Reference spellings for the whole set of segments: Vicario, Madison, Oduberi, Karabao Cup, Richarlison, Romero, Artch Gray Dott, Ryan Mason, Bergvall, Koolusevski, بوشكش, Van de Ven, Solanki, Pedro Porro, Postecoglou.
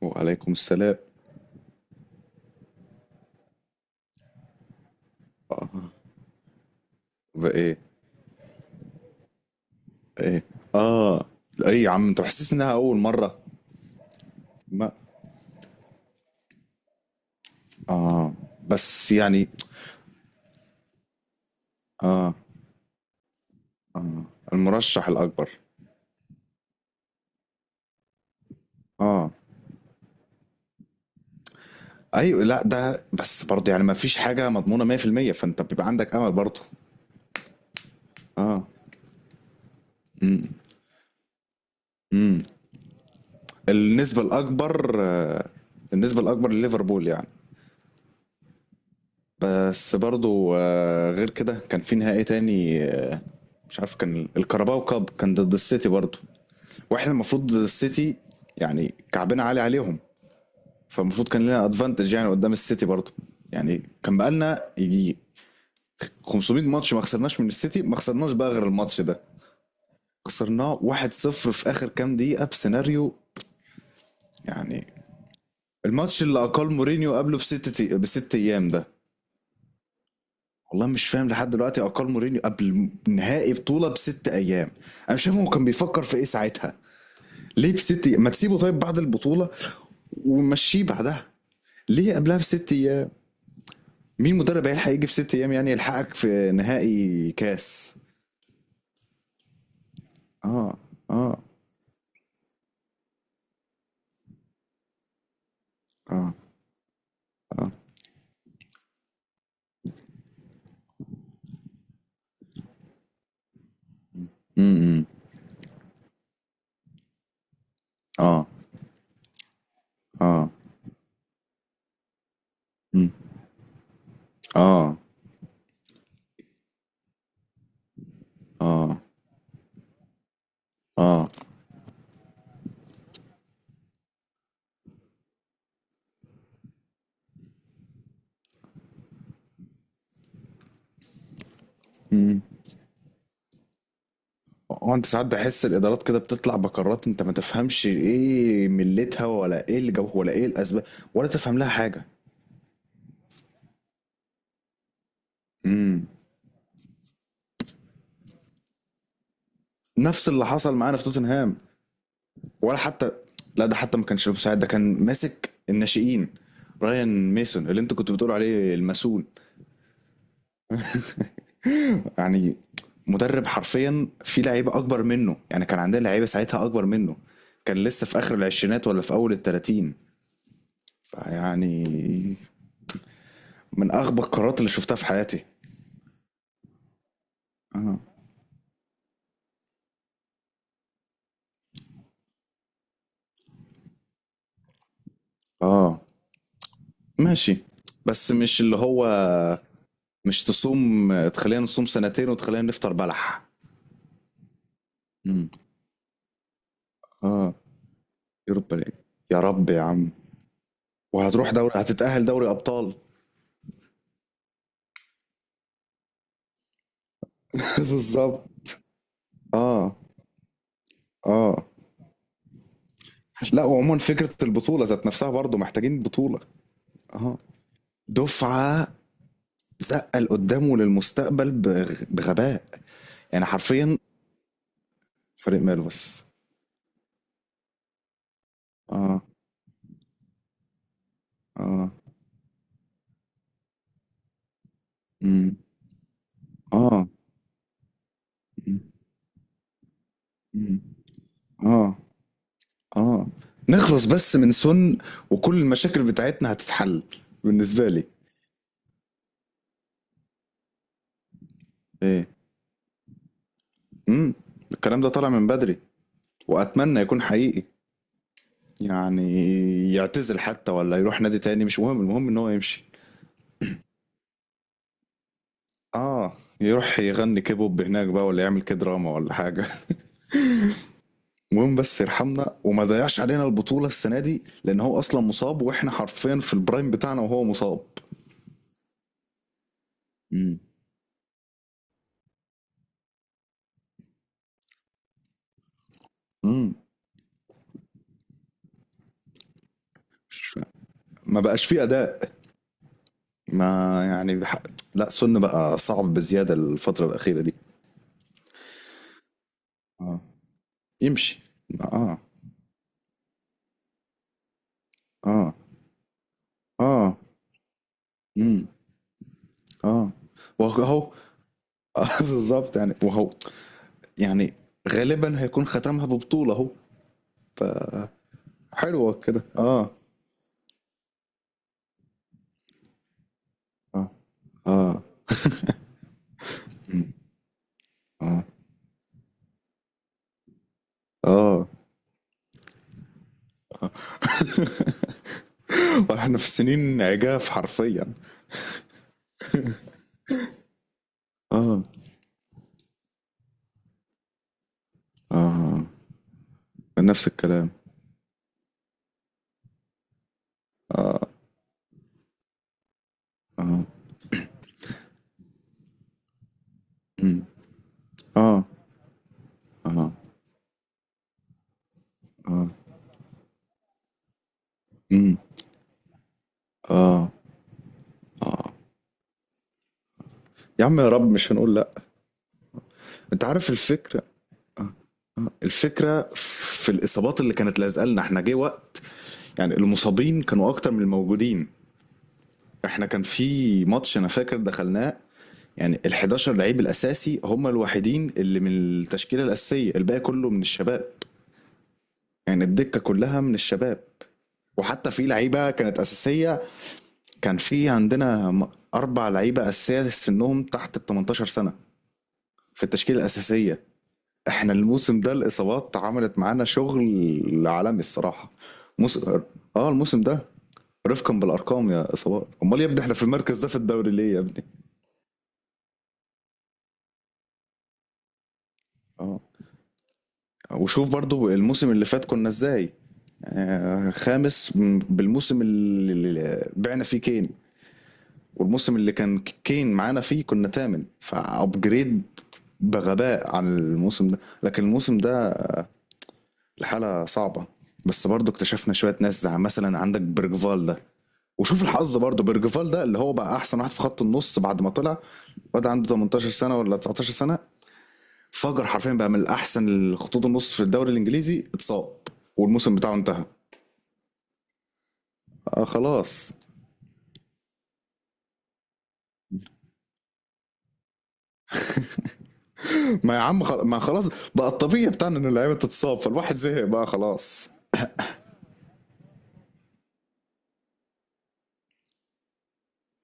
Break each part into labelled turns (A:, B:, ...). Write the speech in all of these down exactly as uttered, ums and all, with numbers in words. A: وعليكم السلام. وايه؟ ايه. اه. اي يا عم، انت حاسس انها اول مره؟ ما اه، بس يعني اه، المرشح الاكبر. اه، ايوه. لا ده بس برضه يعني ما فيش حاجه مضمونه مية بالمية، فانت بيبقى عندك امل برضه. اه. امم. النسبه الاكبر، آه،. النسبه الاكبر لليفربول يعني. بس برضو آه، غير كده كان في نهائي تاني آه،. مش عارف، كان الكاراباو كاب كان ضد السيتي برضو. واحنا المفروض ضد السيتي، يعني كعبنا عالي عليهم. فالمفروض كان لنا ادفانتج يعني قدام السيتي برضو. يعني كان بقالنا يجي خمسمية ماتش ما خسرناش من السيتي، ما خسرناش بقى غير الماتش ده. خسرناه واحد صفر في اخر كام دقيقة بسيناريو يعني. الماتش اللي اقل مورينيو قبله بست بست ايام ده. والله مش فاهم لحد دلوقتي اقال مورينيو قبل نهائي بطوله بست ايام. انا مش فاهم هو كان بيفكر في ايه ساعتها. ليه بست أيام؟ ما تسيبه طيب بعد البطوله ومشيه بعدها. ليه قبلها بست ايام؟ مين مدرب هيلحق يجي في ست ايام يعني يلحقك في نهائي كاس؟ اه. اه. اه. اه. امم. اه. اه. امم. اه. اه. اه. هو انت ساعات بحس الادارات كده بتطلع بقرارات انت ما تفهمش ايه ملتها، ولا ايه اللي جابه، ولا ايه الاسباب، ولا تفهم لها حاجه. امم. نفس اللي حصل معانا في توتنهام. ولا حتى، لا ده حتى ما كانش مساعد، ده كان ماسك الناشئين. رايان ميسون اللي انت كنت بتقول عليه المسؤول يعني، مدرب حرفيا في لعيبه اكبر منه. يعني كان عندنا لعيبه ساعتها اكبر منه، كان لسه في اخر العشرينات ولا في اول التلاتين. فيعني من اغبى القرارات اللي شفتها في حياتي. آه. اه. ماشي. بس مش اللي هو، مش تصوم. تخلينا نصوم سنتين وتخلينا نفطر بلح. امم. اه. يوروبا ليج. يا رب يا عم. وهتروح دوري، هتتأهل دوري أبطال. بالظبط. اه. اه. لا، وعموما فكرة البطولة ذات نفسها برضو محتاجين بطولة. اه. دفعة، زقل قدامه للمستقبل بغ- بغباء. يعني حرفيا فريق ماله بس. اه. اه. امم. اه. امم. امم. آه. اه. نخلص بس من سن وكل المشاكل بتاعتنا هتتحل. بالنسبة لي. ايه. امم. الكلام ده طالع من بدري، واتمنى يكون حقيقي. يعني يعتزل حتى ولا يروح نادي تاني مش مهم، المهم ان هو يمشي. اه. يروح يغني كيبوب هناك بقى، ولا يعمل كده دراما ولا حاجة. المهم بس يرحمنا وما ضيعش علينا البطولة السنة دي، لان هو اصلا مصاب واحنا حرفيا في البرايم بتاعنا وهو مصاب. امم. امم. ما بقاش فيه اداء. ما يعني بح... لا، سن بقى صعب بزيادة الفترة الأخيرة دي. اه. يمشي. اه. اه. اه. امم. اه. وهو، آه، بالظبط يعني. وهو يعني غالبا هيكون ختمها ببطولة اهو. حلوة كده. اه. اه. اه. اه. اه. واحنا في سنين عجاف حرفيا. اه. اه. آه. نفس الكلام. اه. اه. امم. اه. اه. اه. امم. اه. اه. يا عم يا رب، مش هنقول لا. انت عارف الفكره، الفكره في الاصابات اللي كانت لازقه لنا. احنا جه وقت يعني المصابين كانوا اكتر من الموجودين. احنا كان في ماتش انا فاكر دخلناه، يعني ال حداشر لعيب الاساسي هم الوحيدين اللي من التشكيله الاساسيه، الباقي كله من الشباب. يعني الدكه كلها من الشباب. وحتى في لعيبه كانت اساسيه، كان في عندنا م- اربع لعيبه اساسيه سنهم تحت ال تمنتاشر سنه في التشكيله الاساسيه. احنا الموسم ده الاصابات عملت معانا شغل عالمي الصراحه. موسم، اه الموسم ده. رفقا بالارقام يا اصابات، امال يا ابني احنا في المركز ده في الدوري ليه يا ابني؟ اه. وشوف برضو الموسم اللي فات كنا ازاي. آه، خامس م- بالموسم اللي اللي بعنا فيه كين. والموسم اللي كان ك- كين معانا فيه كنا تامن فابجريد بغباء عن الموسم ده، لكن الموسم ده الحاله صعبه. بس برضو اكتشفنا شويه ناس، زي مثلا عندك برجفال ده. وشوف الحظ برضه، بيرجفال ده اللي هو بقى احسن واحد في خط النص بعد ما طلع. واد عنده تمنتاشر سنه ولا تسعتاشر سنه، فجر حرفيا بقى من احسن خطوط النص في الدوري الانجليزي. اتصاب والموسم بتاعه انتهى. آه خلاص. ما يا عم خل... ما خلاص، بقى الطبيعي بتاعنا ان اللعيبه تتصاب فالواحد زهق بقى خلاص.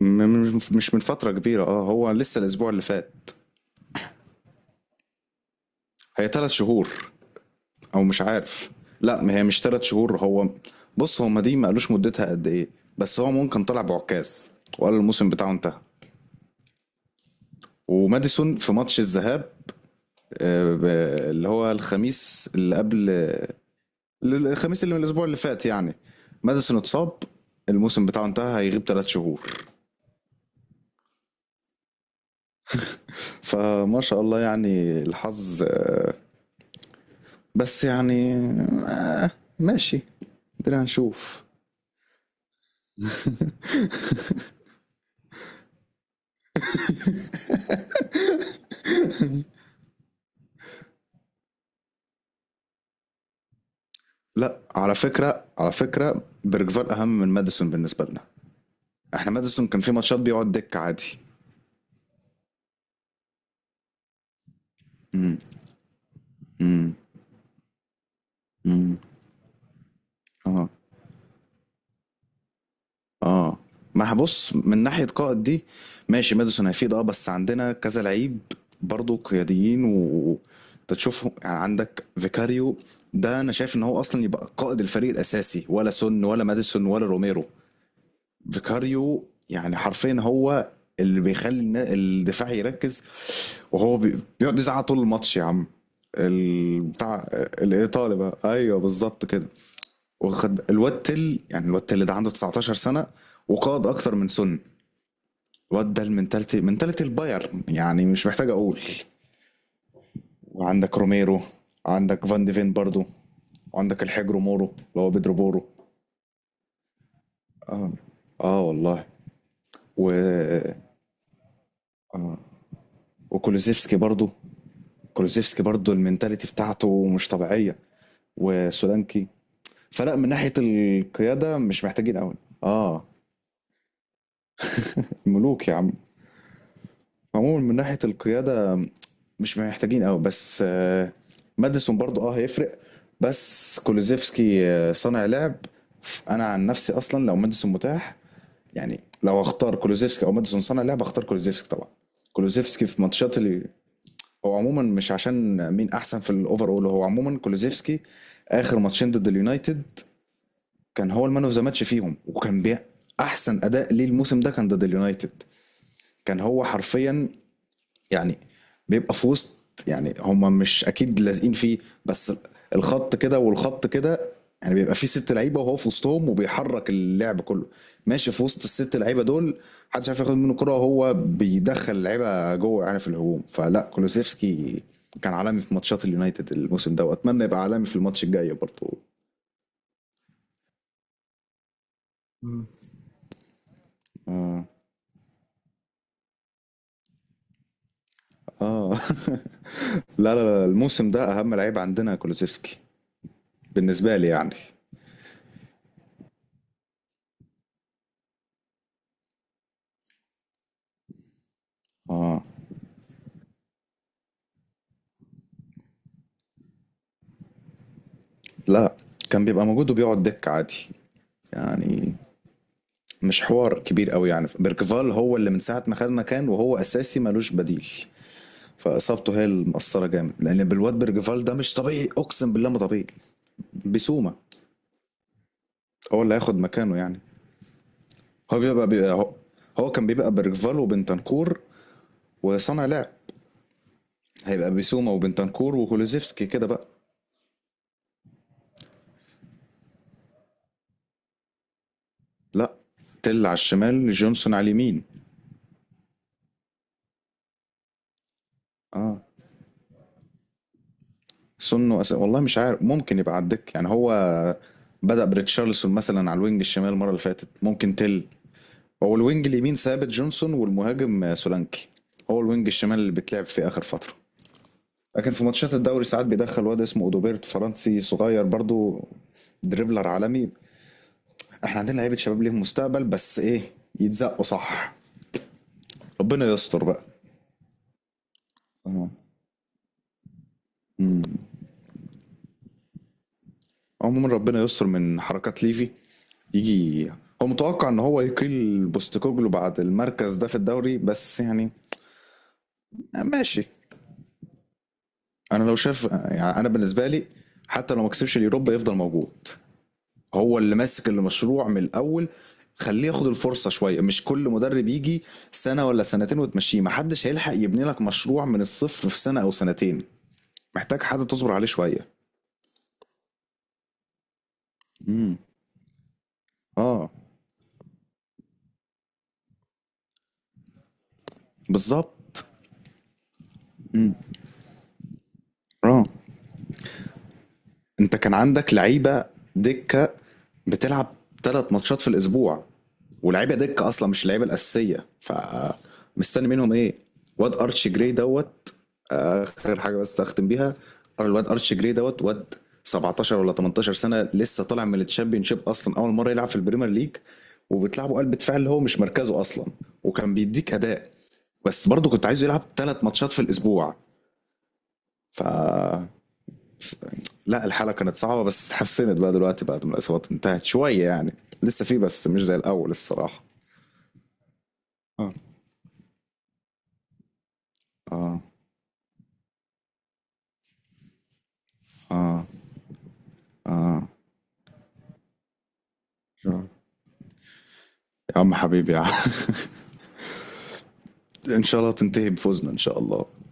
A: م... م- مش من فتره كبيره، اه هو لسه الاسبوع اللي فات. هي ثلاث شهور او مش عارف. لا، ما هي مش ثلاث شهور هو، بص هما دي ما قالوش مدتها قد ايه، بس هو ممكن طلع بعكاز وقال الموسم بتاعه انتهى. وماديسون في ماتش الذهاب، آه، ب- اللي هو الخميس اللي قبل، اللي- الخميس اللي من الاسبوع اللي فات يعني. ماديسون اتصاب، الموسم بتاعه انتهى، هيغيب ثلاث شهور. فما شاء الله يعني الحظ آه،. بس يعني آه،. ماشي. ادينا هنشوف. لا على فكرة، على فكرة بيرجفال أهم من ماديسون بالنسبة لنا. احنا ماديسون كان في ماتشات بيقعد دك عادي. امم. امم. امم. اه. اه. ما هبص من ناحية قائد دي، ماشي ماديسون هيفيد اه، بس عندنا كذا لعيب برضه قياديين، و أنت تشوفهم. يعني عندك فيكاريو، ده انا شايف ان هو اصلا يبقى قائد الفريق الاساسي، ولا سون ولا ماديسون ولا روميرو. فيكاريو يعني حرفيا هو اللي بيخلي النا- الدفاع يركز، وهو بي- بيقعد يزعق طول الماتش يا عم. ال- بتاع. الايطالي بقى، ايوه بالظبط كده. وخد الواد تل، يعني الواد تل ده عنده تسعتاشر سنه وقاد اكتر من سن. الواد ده المنتاليتي، منتاليتي البايرن يعني مش محتاج اقول. وعندك روميرو، عندك فان ديفين برضو، وعندك الحجر مورو اللي هو بيدرو بورو. اه. اه والله. و... وكولوزيفسكي برضو. كولوزيفسكي برضو المنتاليتي بتاعته مش طبيعيه. وسولانكي. فلا من ناحية القيادة مش محتاجين قوي. اه. ملوك يا عم. عموما من ناحية القيادة مش محتاجين قوي، بس آه ماديسون برضو اه هيفرق. بس كولوزيفسكي آه، صانع لعب. انا عن نفسي اصلا لو ماديسون متاح، يعني لو اختار كولوزيفسكي او ماديسون صانع لعب اختار كولوزيفسكي طبعا. كولوزيفسكي في ماتشات اللي هو، عموما مش عشان مين احسن في الاوفر اول، هو عموما كولوزيفسكي. اخر ماتشين ضد اليونايتد كان هو المان اوف ذا ماتش فيهم، وكان بيع احسن اداء ليه الموسم ده كان ضد اليونايتد. كان هو حرفيا يعني بيبقى في وسط، يعني هما مش اكيد لازقين فيه، بس الخط كده والخط كده، يعني بيبقى فيه ست لعيبه وهو في وسطهم وبيحرك اللعب كله. ماشي في وسط الست لعيبه دول محدش عارف ياخد منه كرة، وهو بيدخل اللعيبه جوه يعني في الهجوم. فلا كولوسيفسكي كان عالمي في ماتشات اليونايتد الموسم ده، واتمنى يبقى عالمي في الماتش الجاي برضه. اه. اه. لا لا لا، الموسم ده اهم لعيب عندنا كولوسيفسكي بالنسبه لي يعني. اه. لا كان بيبقى موجود وبيقعد دك عادي، يعني مش حوار كبير قوي. يعني بيركفال هو اللي من ساعه ما خد مكان وهو اساسي ملوش بديل، فاصابته هي اللي مأثره جامد، لان بالواد بيركفال ده مش طبيعي اقسم بالله ما طبيعي. بسومه هو اللي هياخد مكانه يعني. هو بيبقى, بيبقى هو, هو كان بيبقى بيركفال وبنتنكور وصانع لعب. هيبقى بسومه وبنتنكور وكولوزيفسكي كده بقى. لا، تل على الشمال جونسون على اليمين. اه، سنه أس... والله مش عارف ممكن يبقى على الدكة يعني. هو بدأ بريتشارلسون مثلا على الوينج الشمال المرة اللي فاتت، ممكن تل. هو الوينج اليمين ثابت جونسون، والمهاجم آه، سولانكي. هو الوينج الشمال اللي بتلعب في آخر فترة، لكن في ماتشات الدوري ساعات بيدخل واد اسمه اودوبيرت، فرنسي صغير برضو، دريبلر عالمي. احنا عندنا لعيبة شباب ليهم مستقبل بس ايه، يتزقوا صح. ربنا يستر بقى. آه. عموما ربنا يستر من حركات ليفي. يجي، هو متوقع ان هو يقيل بوستكوجلو بعد المركز ده في الدوري، بس يعني ماشي. انا لو شاف يعني، انا بالنسبه لي حتى لو ما كسبش اليوروبا يفضل موجود. هو اللي ماسك المشروع من الاول، خليه ياخد الفرصه شويه. مش كل مدرب يجي سنه ولا سنتين وتمشيه. ما حدش هيلحق يبني لك مشروع من الصفر في سنه او سنتين، محتاج حد تصبر عليه شويه. امم. اه. بالظبط. اه. انت كان عندك لعيبه دكه بتلعب ثلاث ماتشات في الاسبوع، ولعيبه دكه اصلا مش اللعيبه الاساسيه، فمستني منهم ايه؟ واد ارتش جراي دوت، آه، اخر حاجه بس اختم بيها. الواد ارتش جراي دوت، واد سبعتاشر ولا تمنتاشر سنه، لسه طالع من التشامبيون شيب، اصلا اول مره يلعب في البريمير ليج، وبتلعبه قلب دفاع اللي هو مش مركزه اصلا. وكان بيديك اداء، بس برضه كنت عايزه يلعب ثلاث ماتشات في الاسبوع. ف بس- لا، الحالة كانت صعبة بس اتحسنت بقى دلوقتي بعد ما الإصابات انتهت شوية يعني. لسه في، بس مش زي الأول الصراحة. اه. اه. يا عم حبيبي يا عم. ان شاء الله تنتهي بفوزنا ان شاء الله.